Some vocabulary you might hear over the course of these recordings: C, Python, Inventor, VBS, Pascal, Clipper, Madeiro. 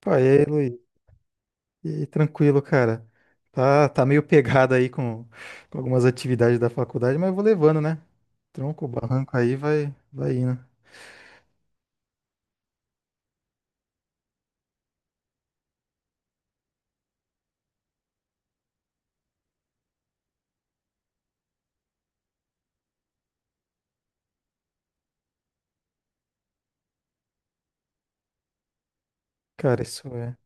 Pô, e aí, Luiz? E aí, tranquilo, cara. Tá meio pegado aí com algumas atividades da faculdade, mas vou levando, né? Tronco, barranco aí vai indo. Cara, isso é.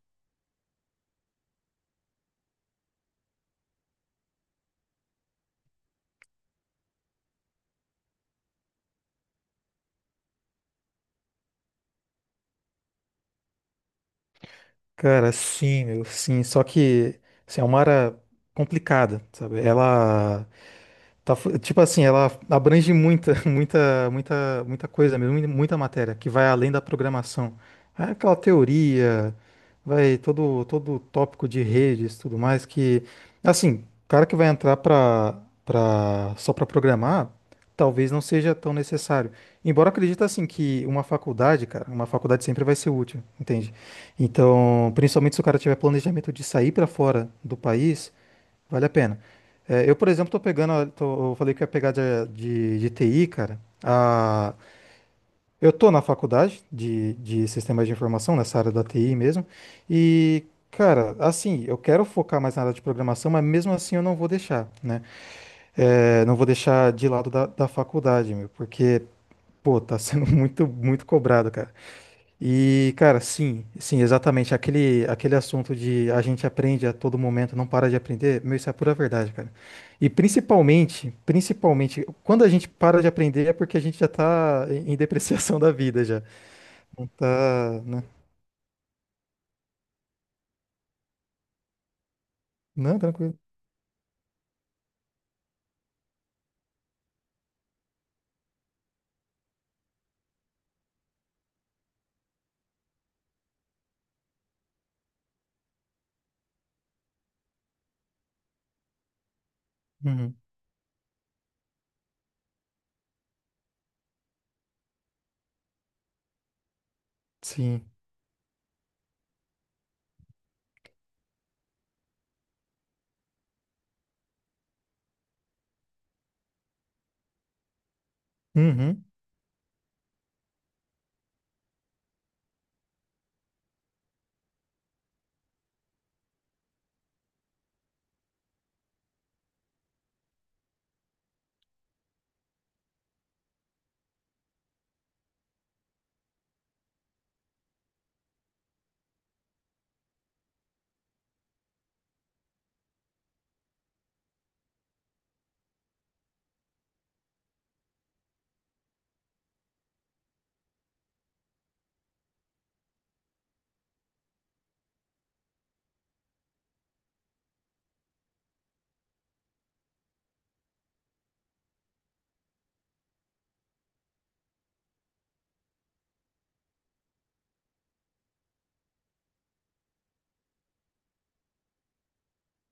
Cara, sim, meu, sim. Só que assim, é uma área complicada, sabe? Ela tá, tipo assim, ela abrange muita, muita coisa mesmo, muita matéria que vai além da programação. É aquela teoria, vai todo o tópico de redes, tudo mais que assim, o cara que vai entrar para só para programar, talvez não seja tão necessário. Embora eu acredite assim que uma faculdade, cara, uma faculdade sempre vai ser útil, entende? Então, principalmente se o cara tiver planejamento de sair para fora do país, vale a pena. É, eu, por exemplo, tô pegando, eu falei que ia pegar de TI, cara. Eu tô na faculdade de sistemas de informação, nessa área da TI mesmo. E, cara, assim, eu quero focar mais na área de programação, mas mesmo assim eu não vou deixar, né? É, não vou deixar de lado da faculdade, meu, porque, pô, tá sendo muito, muito cobrado, cara. E, cara, sim, sim, exatamente. Aquele assunto de a gente aprende a todo momento, não para de aprender, meu, isso é a pura verdade, cara. E principalmente, quando a gente para de aprender é porque a gente já tá em depreciação da vida já. Não tá, né? Não, tranquilo. Uhum. Sim. Uhum.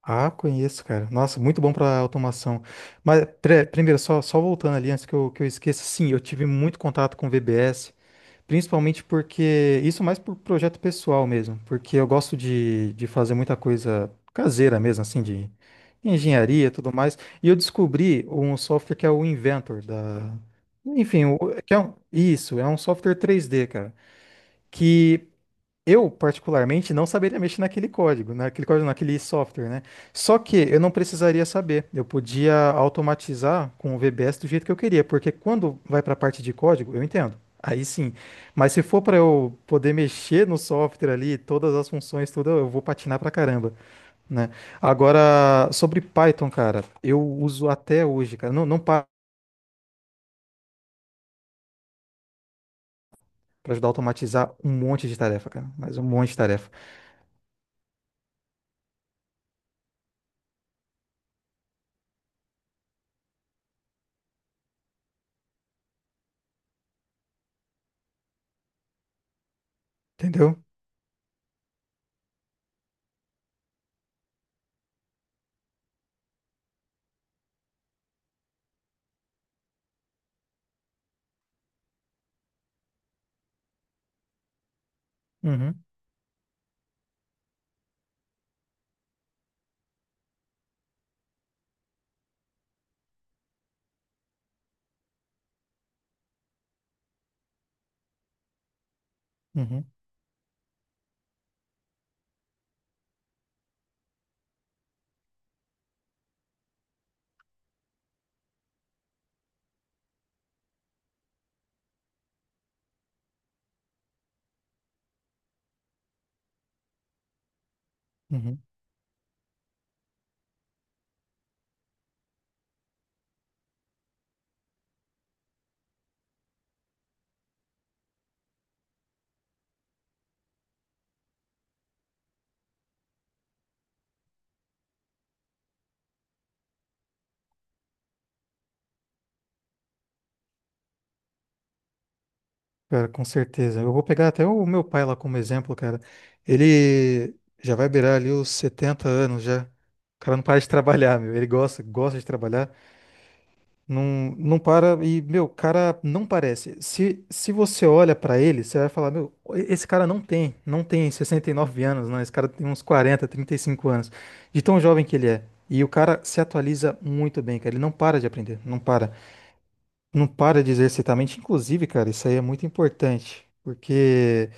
Ah, conheço, cara. Nossa, muito bom para automação. Mas primeiro, só voltando ali antes que eu esqueça, sim, eu tive muito contato com VBS. Principalmente porque. Isso mais por projeto pessoal mesmo. Porque eu gosto de fazer muita coisa caseira mesmo, assim, de engenharia e tudo mais. E eu descobri um software que é o Inventor da. Enfim, que é isso, é um software 3D, cara. Que eu, particularmente, não saberia mexer naquele código, naquele software, né? Só que eu não precisaria saber. Eu podia automatizar com o VBS do jeito que eu queria, porque quando vai para a parte de código, eu entendo. Aí sim. Mas se for para eu poder mexer no software ali, todas as funções, tudo, eu vou patinar pra caramba, né? Agora, sobre Python, cara, eu uso até hoje, cara. Não, não para ajudar a automatizar um monte de tarefa, cara, mas um monte de tarefa, entendeu? Uhum, uhum, uhum. Cara, com certeza. Eu vou pegar até o meu pai lá como exemplo, cara. Ele já vai beirar ali os 70 anos já. O cara não para de trabalhar, meu. Ele gosta, gosta de trabalhar. Não, não para e, meu, o cara não parece. Se você olha pra ele, você vai falar, meu, esse cara não tem 69 anos, não. Esse cara tem uns quarenta trinta e cinco anos. De tão jovem que ele é. E o cara se atualiza muito bem, cara. Ele não para de aprender, não para. Não para de exercitar a mente. Inclusive, cara, isso aí é muito importante. Porque,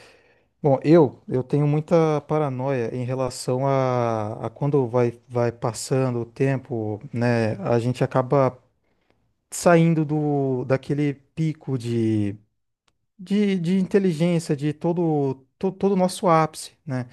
bom, eu tenho muita paranoia em relação a quando vai passando o tempo, né? A gente acaba saindo daquele pico de inteligência, de todo o nosso ápice, né?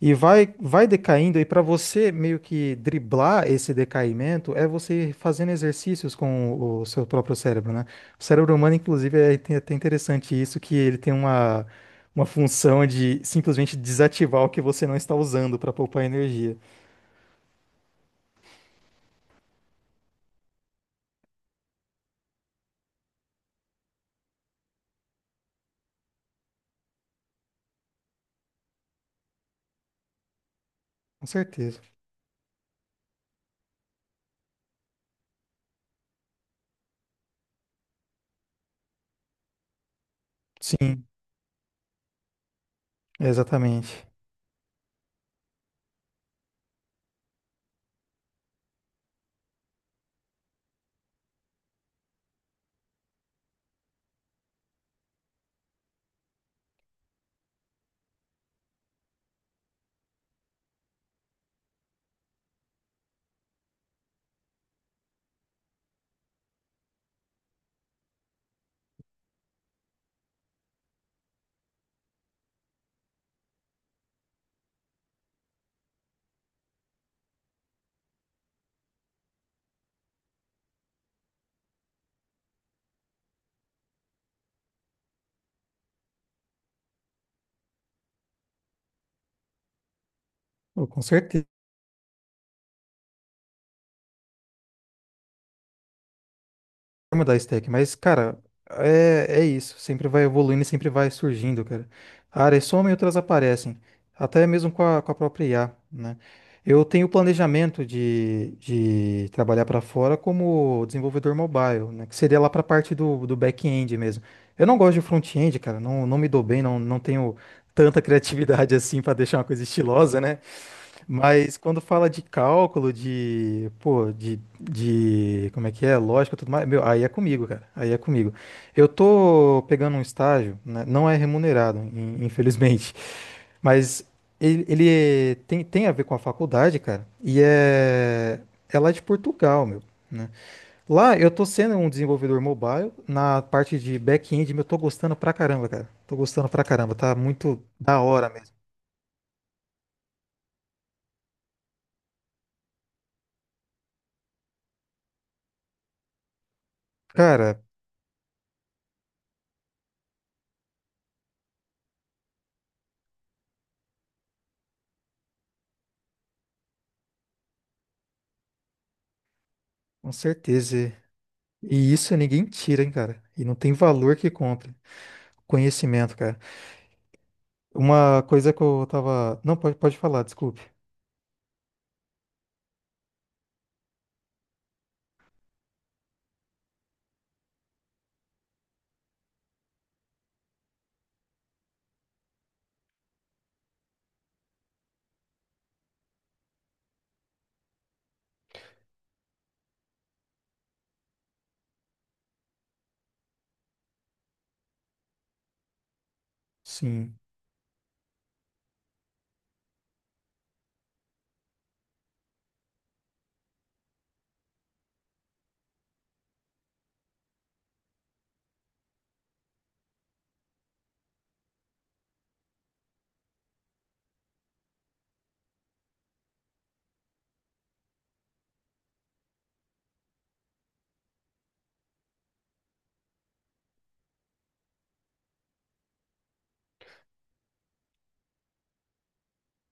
E vai decaindo, e para você meio que driblar esse decaimento, é você fazendo exercícios com o seu próprio cérebro, né? O cérebro humano, inclusive, é até interessante isso, que ele tem uma função de simplesmente desativar o que você não está usando para poupar energia. Com certeza. Sim, exatamente. Oh, com certeza. Vai mudar a stack, mas, cara, é, é isso. Sempre vai evoluindo e sempre vai surgindo, cara. Áreas somem e outras aparecem. Até mesmo com a própria IA, né? Eu tenho planejamento de trabalhar para fora como desenvolvedor mobile, né? Que seria lá para a parte do back-end mesmo. Eu não gosto de front-end, cara. Não, não me dou bem, não, não tenho tanta criatividade assim para deixar uma coisa estilosa, né? Mas quando fala de cálculo, de, pô, como é que é, lógica, e tudo mais, meu, aí é comigo, cara, aí é comigo. Eu tô pegando um estágio, né, não é remunerado, infelizmente, mas ele tem a ver com a faculdade, cara, e é lá de Portugal, meu, né? Lá eu tô sendo um desenvolvedor mobile, na parte de back-end, meu, eu tô gostando pra caramba, cara, tô gostando pra caramba, tá muito da hora mesmo. Cara, com certeza. E isso ninguém tira, hein, cara. E não tem valor que compre. Conhecimento, cara. Uma coisa que eu tava. Não, pode, pode falar, desculpe. Sim.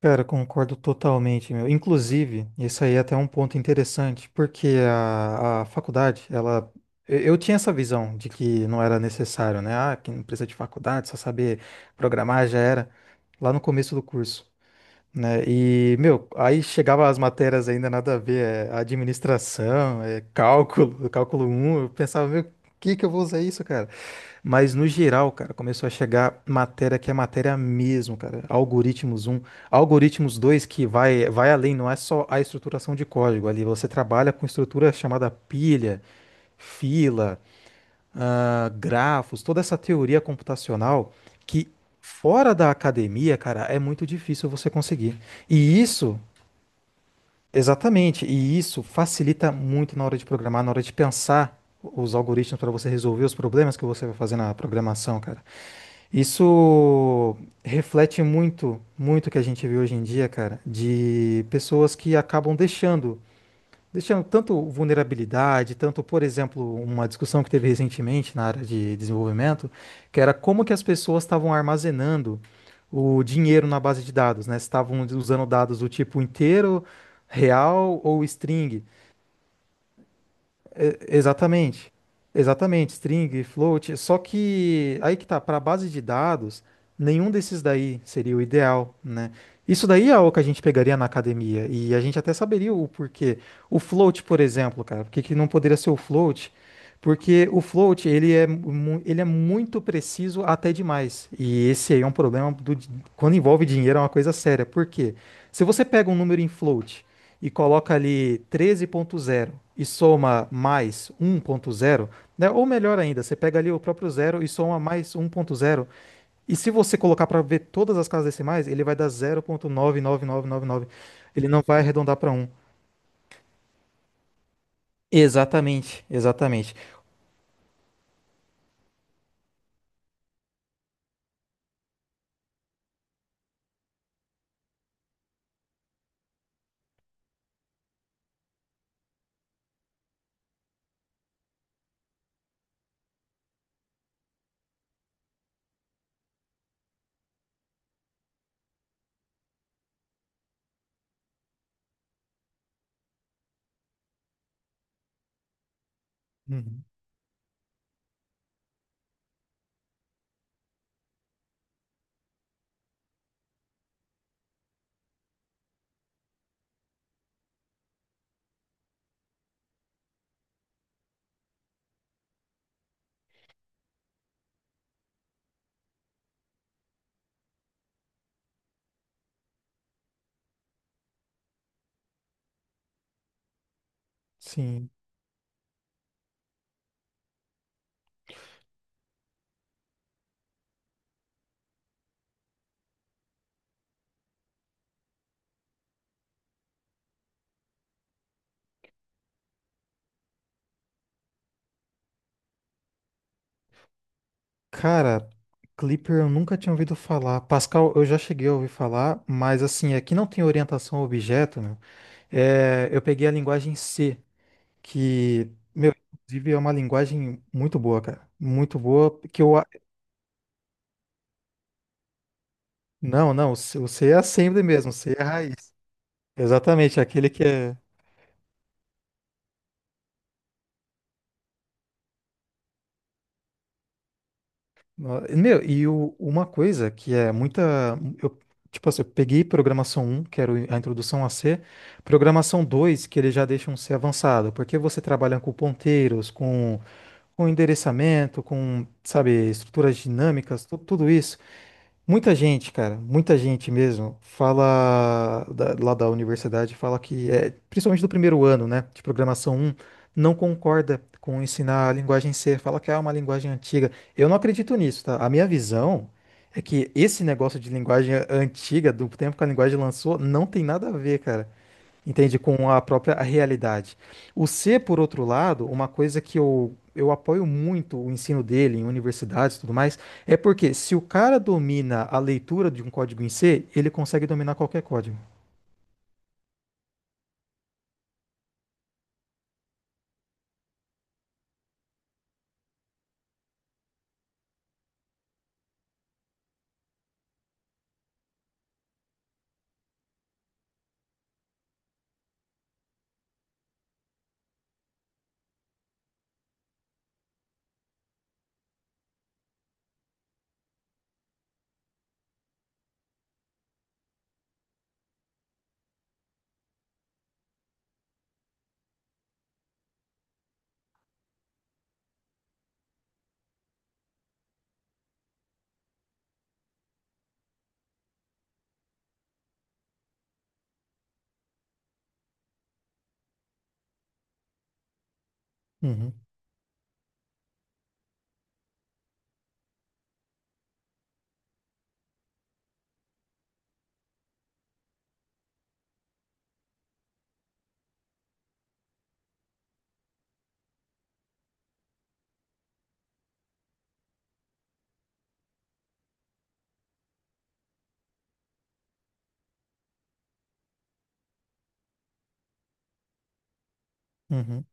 Cara, concordo totalmente, meu. Inclusive, isso aí é até um ponto interessante, porque a faculdade, ela. Eu tinha essa visão de que não era necessário, né? Ah, que não precisa de faculdade, só saber programar já era. Lá no começo do curso. Né? E, meu, aí chegava as matérias ainda nada a ver, é administração, é cálculo, cálculo um eu pensava, meu, que eu vou usar isso, cara? Mas no geral, cara, começou a chegar matéria que é matéria mesmo, cara. Algoritmos um algoritmos 2 que vai além, não é só a estruturação de código ali, você trabalha com estrutura chamada pilha, fila, ah, grafos, toda essa teoria computacional que fora da academia, cara, é muito difícil você conseguir. E isso, exatamente, e isso facilita muito na hora de programar, na hora de pensar os algoritmos para você resolver os problemas que você vai fazer na programação, cara. Isso reflete muito, muito o que a gente vê hoje em dia, cara, de pessoas que acabam deixando tanto vulnerabilidade, tanto, por exemplo, uma discussão que teve recentemente na área de desenvolvimento, que era como que as pessoas estavam armazenando o dinheiro na base de dados, né? Se estavam usando dados do tipo inteiro, real ou string. É, exatamente. Exatamente, string, float. Só que aí que tá, para base de dados, nenhum desses daí seria o ideal, né? Isso daí é o que a gente pegaria na academia e a gente até saberia o porquê. O float, por exemplo, cara, por que que não poderia ser o float? Porque o float, ele é, ele é muito preciso até demais. E esse aí é um problema quando envolve dinheiro, é uma coisa séria. Por quê? Se você pega um número em float e coloca ali 13.0 e soma mais 1.0, né? Ou melhor ainda, você pega ali o próprio zero e soma mais 1.0. E se você colocar para ver todas as casas decimais, ele vai dar 0.99999. Ele não vai arredondar para um. Exatamente, exatamente. Uhum. Sim. Cara, Clipper eu nunca tinha ouvido falar. Pascal eu já cheguei a ouvir falar, mas assim, aqui não tem orientação a objeto, meu. É, eu peguei a linguagem C. Que, meu, inclusive é uma linguagem muito boa, cara. Muito boa, que eu. Não, não, o C é assembly mesmo, o C é a raiz. Exatamente, é aquele que é. Meu, e uma coisa que é muita. Eu, tipo assim, eu peguei programação um que era a introdução a C, programação 2 que ele já deixa um C avançado, porque você trabalha com ponteiros, com endereçamento, com, sabe, estruturas dinâmicas, tudo isso. Muita gente, cara, muita gente mesmo, fala lá da universidade, fala que, é, principalmente do primeiro ano, né, de programação um, não concorda com ensinar a linguagem C, fala que é uma linguagem antiga. Eu não acredito nisso, tá? A minha visão é que esse negócio de linguagem antiga, do tempo que a linguagem lançou, não tem nada a ver, cara. Entende? Com a própria realidade. O C, por outro lado, uma coisa que eu apoio muito o ensino dele em universidades e tudo mais, é porque se o cara domina a leitura de um código em C, ele consegue dominar qualquer código. Uhum, uhum.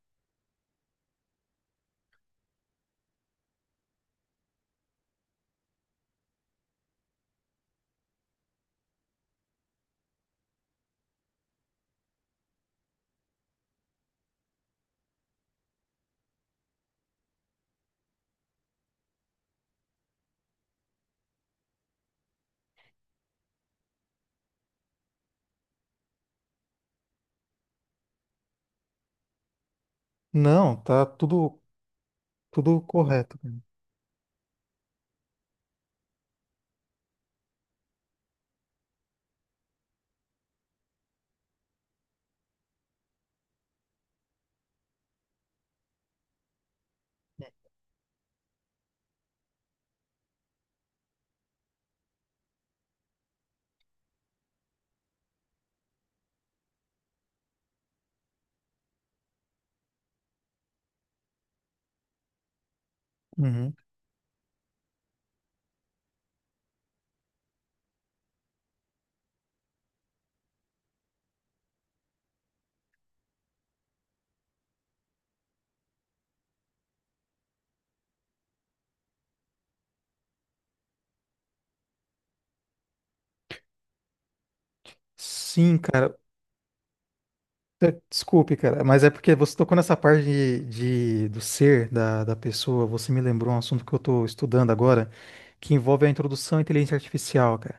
Não, tá tudo, tudo correto, cara. Uhum. Sim, cara. É, desculpe, cara, mas é porque você tocou nessa parte do ser da pessoa. Você me lembrou um assunto que eu estou estudando agora, que envolve a introdução à inteligência artificial, cara.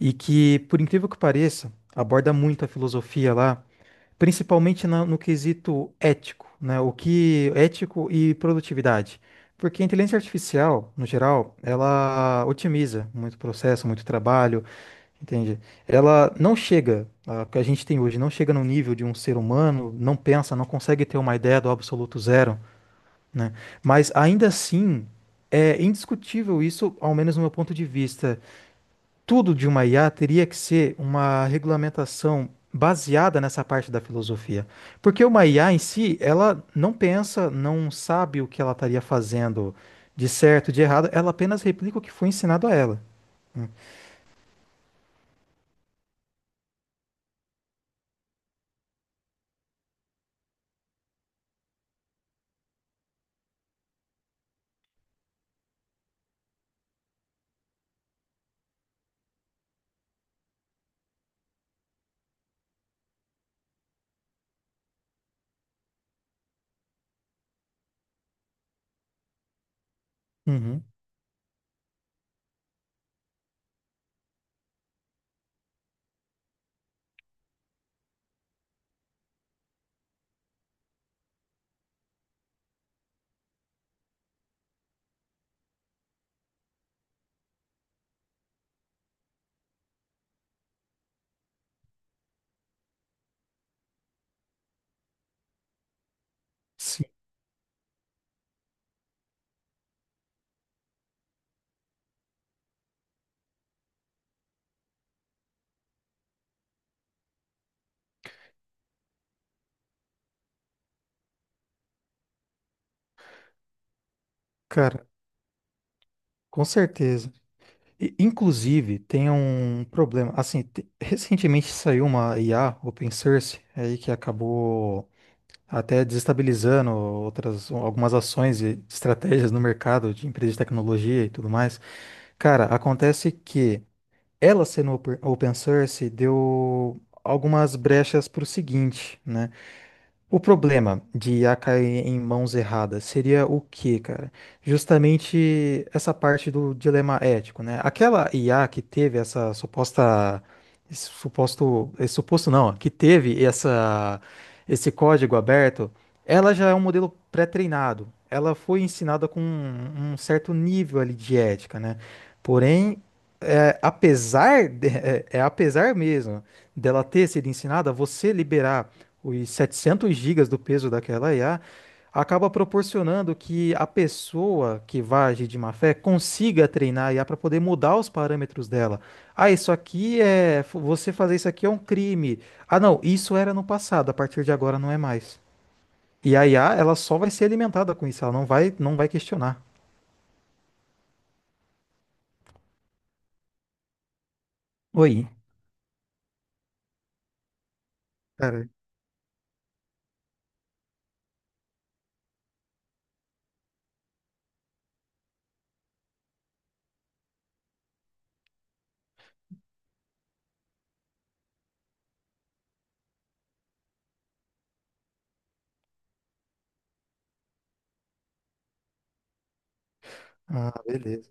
E que, por incrível que pareça, aborda muito a filosofia lá, principalmente no quesito ético, né? O que ético e produtividade. Porque a inteligência artificial, no geral, ela otimiza muito processo, muito trabalho, entende? Ela não chega, a que a gente tem hoje, não chega no nível de um ser humano, não pensa, não consegue ter uma ideia do absoluto zero, né? Mas ainda assim, é indiscutível isso, ao menos no meu ponto de vista. Tudo de uma IA teria que ser uma regulamentação baseada nessa parte da filosofia. Porque uma IA em si, ela não pensa, não sabe o que ela estaria fazendo de certo, de errado, ela apenas replica o que foi ensinado a ela. Uhum. Sim, cara, com certeza. Inclusive, tem um problema. Assim, recentemente saiu uma IA open source aí que acabou até desestabilizando outras algumas ações e estratégias no mercado de empresas de tecnologia e tudo mais. Cara, acontece que ela sendo open source deu algumas brechas para o seguinte, né? O problema de a cair em mãos erradas seria o quê, cara? Justamente essa parte do dilema ético, né? Aquela IA que teve essa suposta, esse suposto não, que teve essa, esse código aberto, ela já é um modelo pré-treinado. Ela foi ensinada com um, um certo nível ali de ética, né? Porém, é, apesar de- é é apesar mesmo dela ter sido ensinada, você liberar os 700 gigas do peso daquela IA, acaba proporcionando que a pessoa que vai agir de má fé consiga treinar a IA para poder mudar os parâmetros dela. Ah, isso aqui é. Você fazer isso aqui é um crime. Ah, não, isso era no passado, a partir de agora não é mais. E a IA, ela só vai ser alimentada com isso, ela não vai questionar. Oi. Cara, ah, beleza.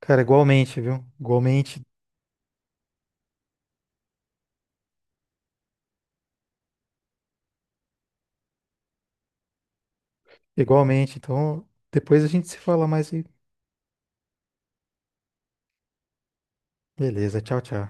Cara, igualmente, viu? Igualmente, igualmente. Então, depois a gente se fala mais e. Beleza, tchau, tchau.